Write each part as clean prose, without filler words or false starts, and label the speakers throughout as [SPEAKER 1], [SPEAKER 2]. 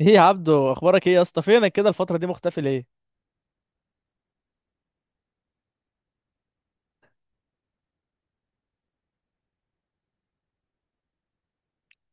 [SPEAKER 1] ايه يا عبدو، اخبارك ايه يا اسطى؟ فينك كده الفتره دي، مختفي ليه؟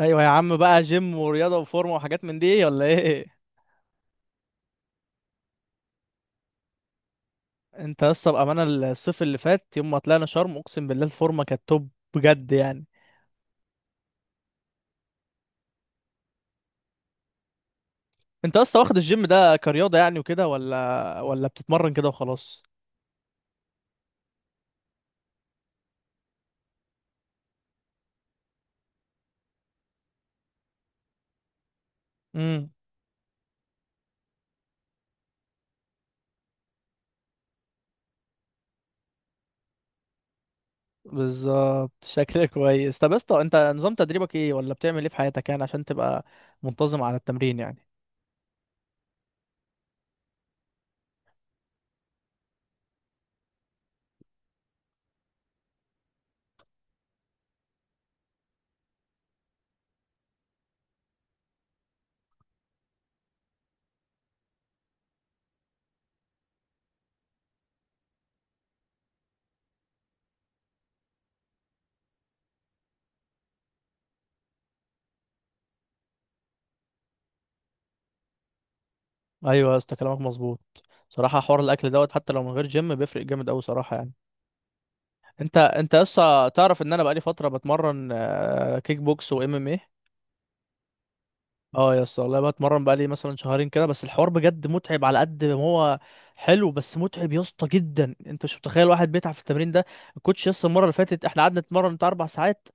[SPEAKER 1] ايوه يا عم، بقى جيم ورياضه وفورمه وحاجات من دي ولا ايه؟ انت يا اسطى بامانه، الصيف اللي فات يوم ما طلعنا شرم اقسم بالله الفورمه كانت توب، بجد يعني. انت يا اسطى واخد الجيم ده كرياضه يعني وكده، ولا بتتمرن كده وخلاص؟ امم بالظبط، شكلك كويس. طب يا اسطى، انت نظام تدريبك ايه ولا بتعمل ايه في حياتك يعني عشان تبقى منتظم على التمرين يعني؟ ايوه يا اسطى كلامك مظبوط. صراحه حوار الاكل دوت حتى لو من غير جيم بيفرق جامد قوي صراحه يعني. انت لسه تعرف ان انا بقالي فتره بتمرن كيك بوكس وام ام ايه. اه يا اسطى والله بتمرن بقالي مثلا شهرين كده، بس الحوار بجد متعب على قد ما هو حلو، بس متعب يا اسطى جدا، انت مش متخيل واحد بيتعب في التمرين ده. الكوتش يا اسطى المره اللي فاتت احنا قعدنا نتمرن بتاع 4 ساعات.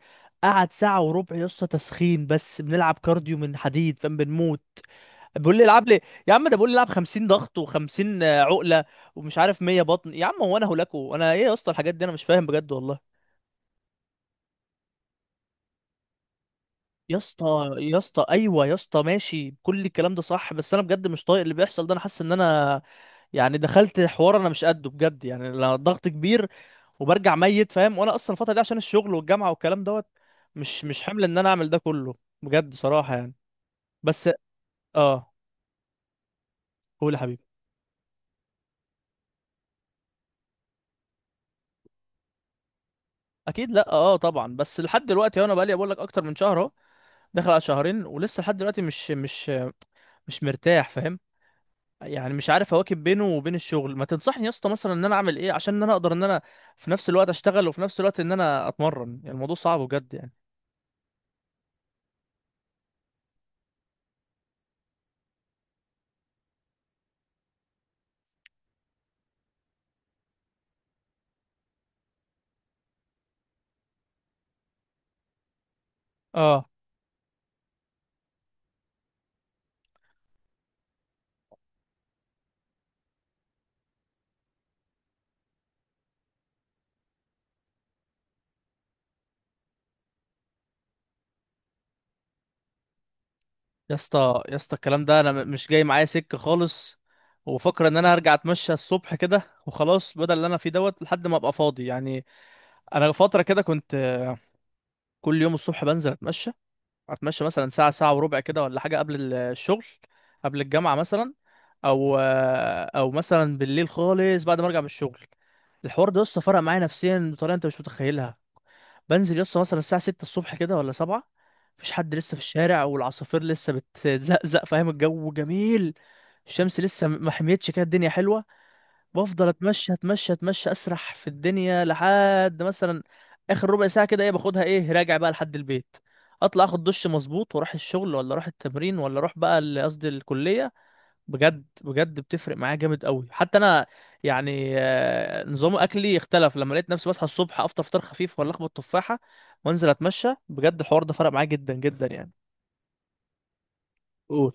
[SPEAKER 1] قعد ساعه وربع يا اسطى تسخين بس، بنلعب كارديو من حديد، فاهم؟ بنموت. بيقول لي العب لي. يا عم ده بيقول لي العب 50 ضغط و50 عقله ومش عارف 100 بطن، يا عم هو انا هلاكو؟ انا ايه يا اسطى؟ الحاجات دي انا مش فاهم بجد والله. يا اسطى يا اسطى، ايوه يا اسطى ماشي، كل الكلام ده صح، بس انا بجد مش طايق اللي بيحصل ده. انا حاسس ان انا يعني دخلت حوار انا مش قده، بجد يعني، لا ضغط كبير وبرجع ميت، فاهم؟ وانا اصلا الفتره دي عشان الشغل والجامعه والكلام دوت مش حمل ان انا اعمل ده كله، بجد صراحه يعني. بس. اه. قول يا حبيبي. اكيد لا، اه طبعا، بس لحد دلوقتي انا بقالي بقول لك اكتر من شهر، اهو داخل على شهرين، ولسه لحد دلوقتي مش مرتاح، فاهم؟ يعني مش عارف اواكب بينه وبين الشغل. ما تنصحني يا اسطى مثلا ان انا اعمل ايه عشان ان انا اقدر ان انا في نفس الوقت اشتغل وفي نفس الوقت ان انا اتمرن؟ يعني الموضوع صعب بجد يعني. اه يا اسطى يا اسطى الكلام ده انا مش جاي معايا سكة خالص. وفكر ان انا هرجع اتمشى الصبح كده وخلاص بدل اللي انا فيه دوت لحد ما ابقى فاضي يعني. انا فترة كده كنت كل يوم الصبح بنزل اتمشى. اتمشى مثلا ساعه ساعه وربع كده ولا حاجه قبل الشغل، قبل الجامعه مثلا. او مثلا بالليل خالص بعد ما ارجع من الشغل. الحوار ده لسه فرق معايا نفسيا بطريقه انت مش متخيلها. بنزل لسه مثلا الساعه 6 الصبح كده ولا 7. مفيش حد لسه في الشارع والعصافير لسه بتزقزق، فاهم؟ الجو جميل. الشمس لسه ما حميتش كده، الدنيا حلوه. بفضل اتمشى اتمشى اتمشى، اسرح في الدنيا لحد مثلا اخر ربع ساعه كده ايه، باخدها ايه راجع بقى لحد البيت. اطلع اخد دش مظبوط واروح الشغل ولا اروح التمرين ولا اروح بقى قصدي الكليه. بجد بجد بتفرق معايا جامد قوي حتى انا يعني. نظام اكلي اختلف لما لقيت نفسي بصحى الصبح افطر فطار خفيف ولا اخبط تفاحه وانزل اتمشى، بجد الحوار ده فرق معايا جدا جدا يعني. قول.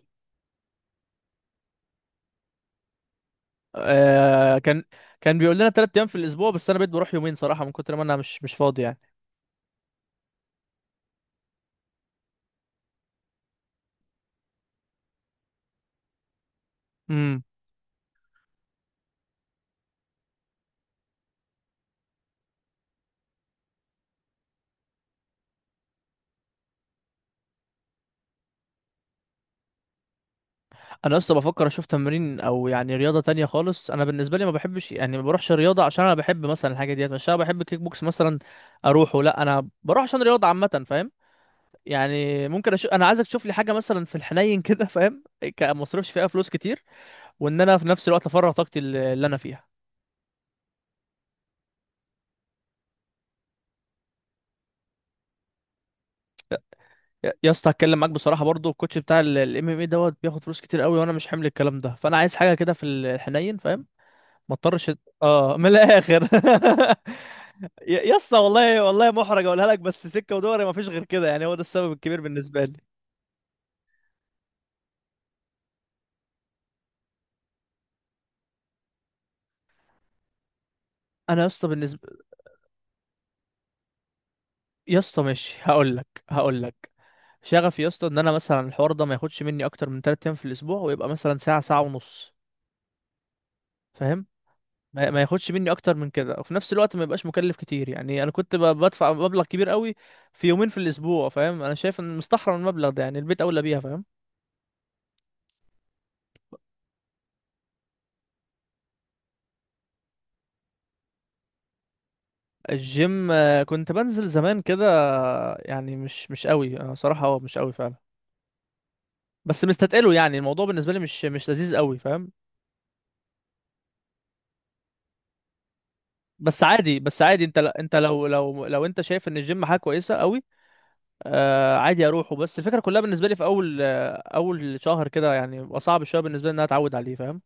[SPEAKER 1] آه. كان بيقول لنا 3 ايام في الاسبوع بس انا بقيت بروح يومين صراحه من كتر ما انا مش فاضي يعني. امم. انا اصلا بفكر اشوف تمرين او يعني رياضه تانية خالص. انا بالنسبه لي ما بحبش يعني، ما بروحش رياضه عشان انا بحب مثلا الحاجه ديت، مش انا بحب كيك بوكس مثلا اروحه، لا انا بروح عشان رياضه عامه، فاهم؟ يعني ممكن اشوف، انا عايزك تشوف لي حاجه مثلا في الحنين كده، فاهم؟ ما اصرفش فيها فلوس كتير، وان انا في نفس الوقت افرغ طاقتي اللي انا فيها. يا اسطى هتكلم معاك بصراحه، برضو الكوتش بتاع الام ام اي دوت بياخد فلوس كتير قوي وانا مش حامل الكلام ده، فانا عايز حاجه كده في الحنين، فاهم؟ ما اضطرش. اه من الاخر. يا اسطى والله والله محرج اقولها لك، بس سكه ودوري ما فيش غير كده يعني، هو ده السبب الكبير بالنسبه لي. انا يا اسطى بالنسبه... يا اسطى ماشي، هقول لك. شغفي يا اسطى ان انا مثلا الحوار ده ما ياخدش مني اكتر من 3 ايام في الاسبوع، ويبقى مثلا ساعه ساعه ونص، فاهم؟ ما ياخدش مني اكتر من كده وفي نفس الوقت ما يبقاش مكلف كتير يعني. انا كنت بدفع مبلغ كبير قوي في يومين في الاسبوع، فاهم؟ انا شايف ان مستحرم المبلغ ده يعني، البيت اولى بيها، فاهم؟ الجيم كنت بنزل زمان كده. يعني مش قوي انا صراحة، اه مش قوي فعلا، بس مستتقله يعني الموضوع بالنسبة لي مش لذيذ قوي، فاهم؟ بس عادي، انت انت لو انت شايف ان الجيم حاجة كويسة قوي، آه عادي اروحه. بس الفكرة كلها بالنسبة لي في اول اول شهر كده يعني بيبقى صعب شوية بالنسبة لي ان انا اتعود عليه، فاهم؟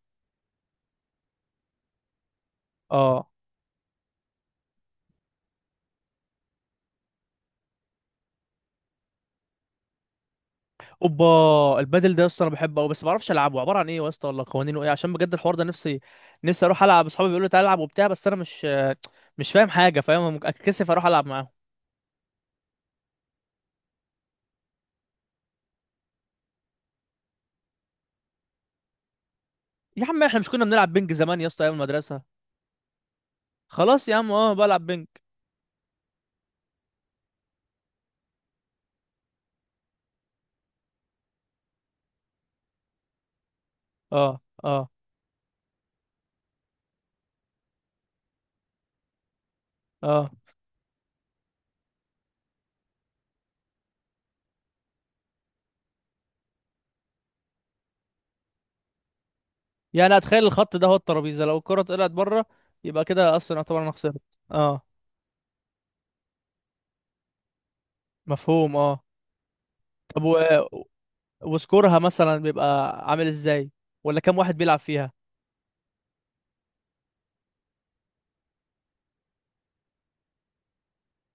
[SPEAKER 1] اه. اوبا، البادل ده يا اسطى انا بحبه قوي، بس ما اعرفش العبه عباره عن ايه يا اسطى ولا قوانينه ايه، عشان بجد الحوار ده نفسي، نفسي اروح العب. اصحابي بيقولوا تعالى العب وبتاع، بس انا مش فاهم حاجه، فاهم؟ ممكن اتكسف اروح العب معاهم. يا عم احنا مش كنا بنلعب بينج زمان يا اسطى ايام المدرسه؟ خلاص يا عم اه بلعب بينج. اه. اه. اه يعني اتخيل الخط ده هو الترابيزه، لو الكره طلعت بره يبقى كده اصلا يعتبر انا خسرت. اه. مفهوم، اه. طب وسكورها مثلا بيبقى عامل ازاي؟ ولا كام واحد بيلعب فيها؟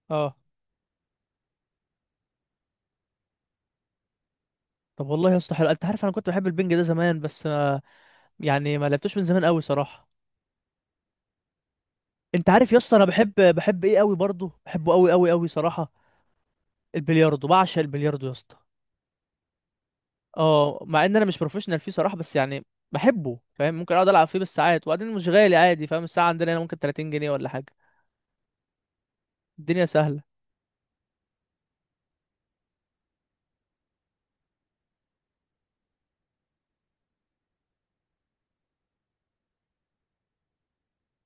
[SPEAKER 1] اه. طب والله يا اسطى حلو، انت عارف انا كنت بحب البنج ده زمان، بس يعني ما لعبتوش من زمان قوي صراحه. انت عارف يا اسطى انا بحب، بحب قوي برضه، بحبه قوي قوي قوي صراحه. البلياردو، بعشق البلياردو يا اسطى. اه مع ان انا مش بروفيشنال فيه صراحه، بس يعني بحبه، فاهم؟ ممكن اقعد العب فيه بالساعات، وبعدين مش غالي عادي، فاهم؟ الساعه عندنا هنا ممكن 30 جنيه ولا حاجه. الدنيا سهله.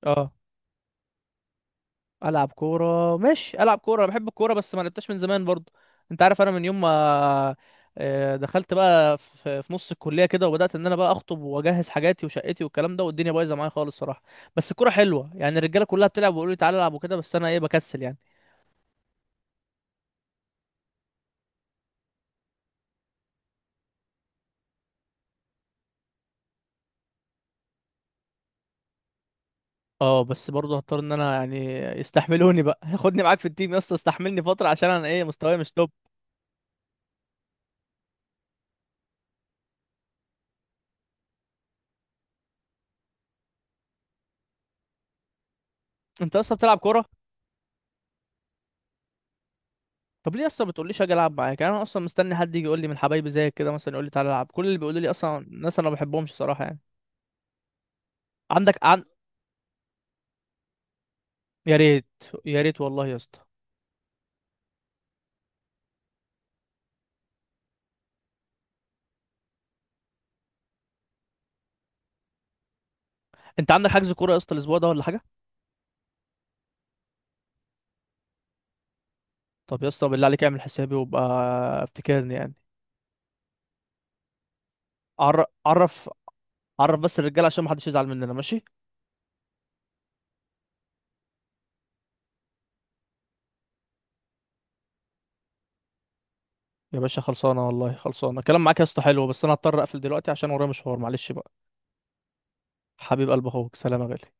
[SPEAKER 1] اه العب كوره ماشي، العب كوره، انا بحب الكوره بس ما لعبتهاش من زمان برضو. انت عارف انا من يوم ما دخلت بقى في نص الكليه كده وبدات ان انا بقى اخطب واجهز حاجاتي وشقتي والكلام ده، والدنيا بايظه معايا خالص صراحه، بس الكوره حلوه يعني، الرجاله كلها بتلعب ويقولوا لي تعالى العب وكده، بس انا ايه بكسل يعني. اه بس برضه هضطر ان انا يعني يستحملوني بقى. خدني معاك في التيم يا اسطى، استحملني فتره عشان انا ايه مستواي مش توب. انت اصلا بتلعب كوره؟ طب ليه اصلا ما بتقوليش اجي العب معاك؟ يعني انا اصلا مستني حد يجي يقول لي من حبايبي زيك كده، مثلا يقول لي تعالى العب، كل اللي بيقولوا لي اصلا ناس انا ما بحبهمش صراحه يعني. عندك عن... يا ريت، يا ريت والله يا اسطى. انت عندك حجز كوره يا اسطى الاسبوع ده ولا حاجه؟ طب يا اسطى بالله عليك اعمل حسابي وابقى افتكرني يعني. عرف عرف، بس الرجاله عشان ما حدش يزعل مننا، ماشي؟ يا باشا خلصانه والله، خلصانه الكلام معاك يا اسطى حلو، بس انا هضطر اقفل دلوقتي عشان ورايا مشوار، معلش بقى. حبيب قلب اخوك، سلام يا غالي.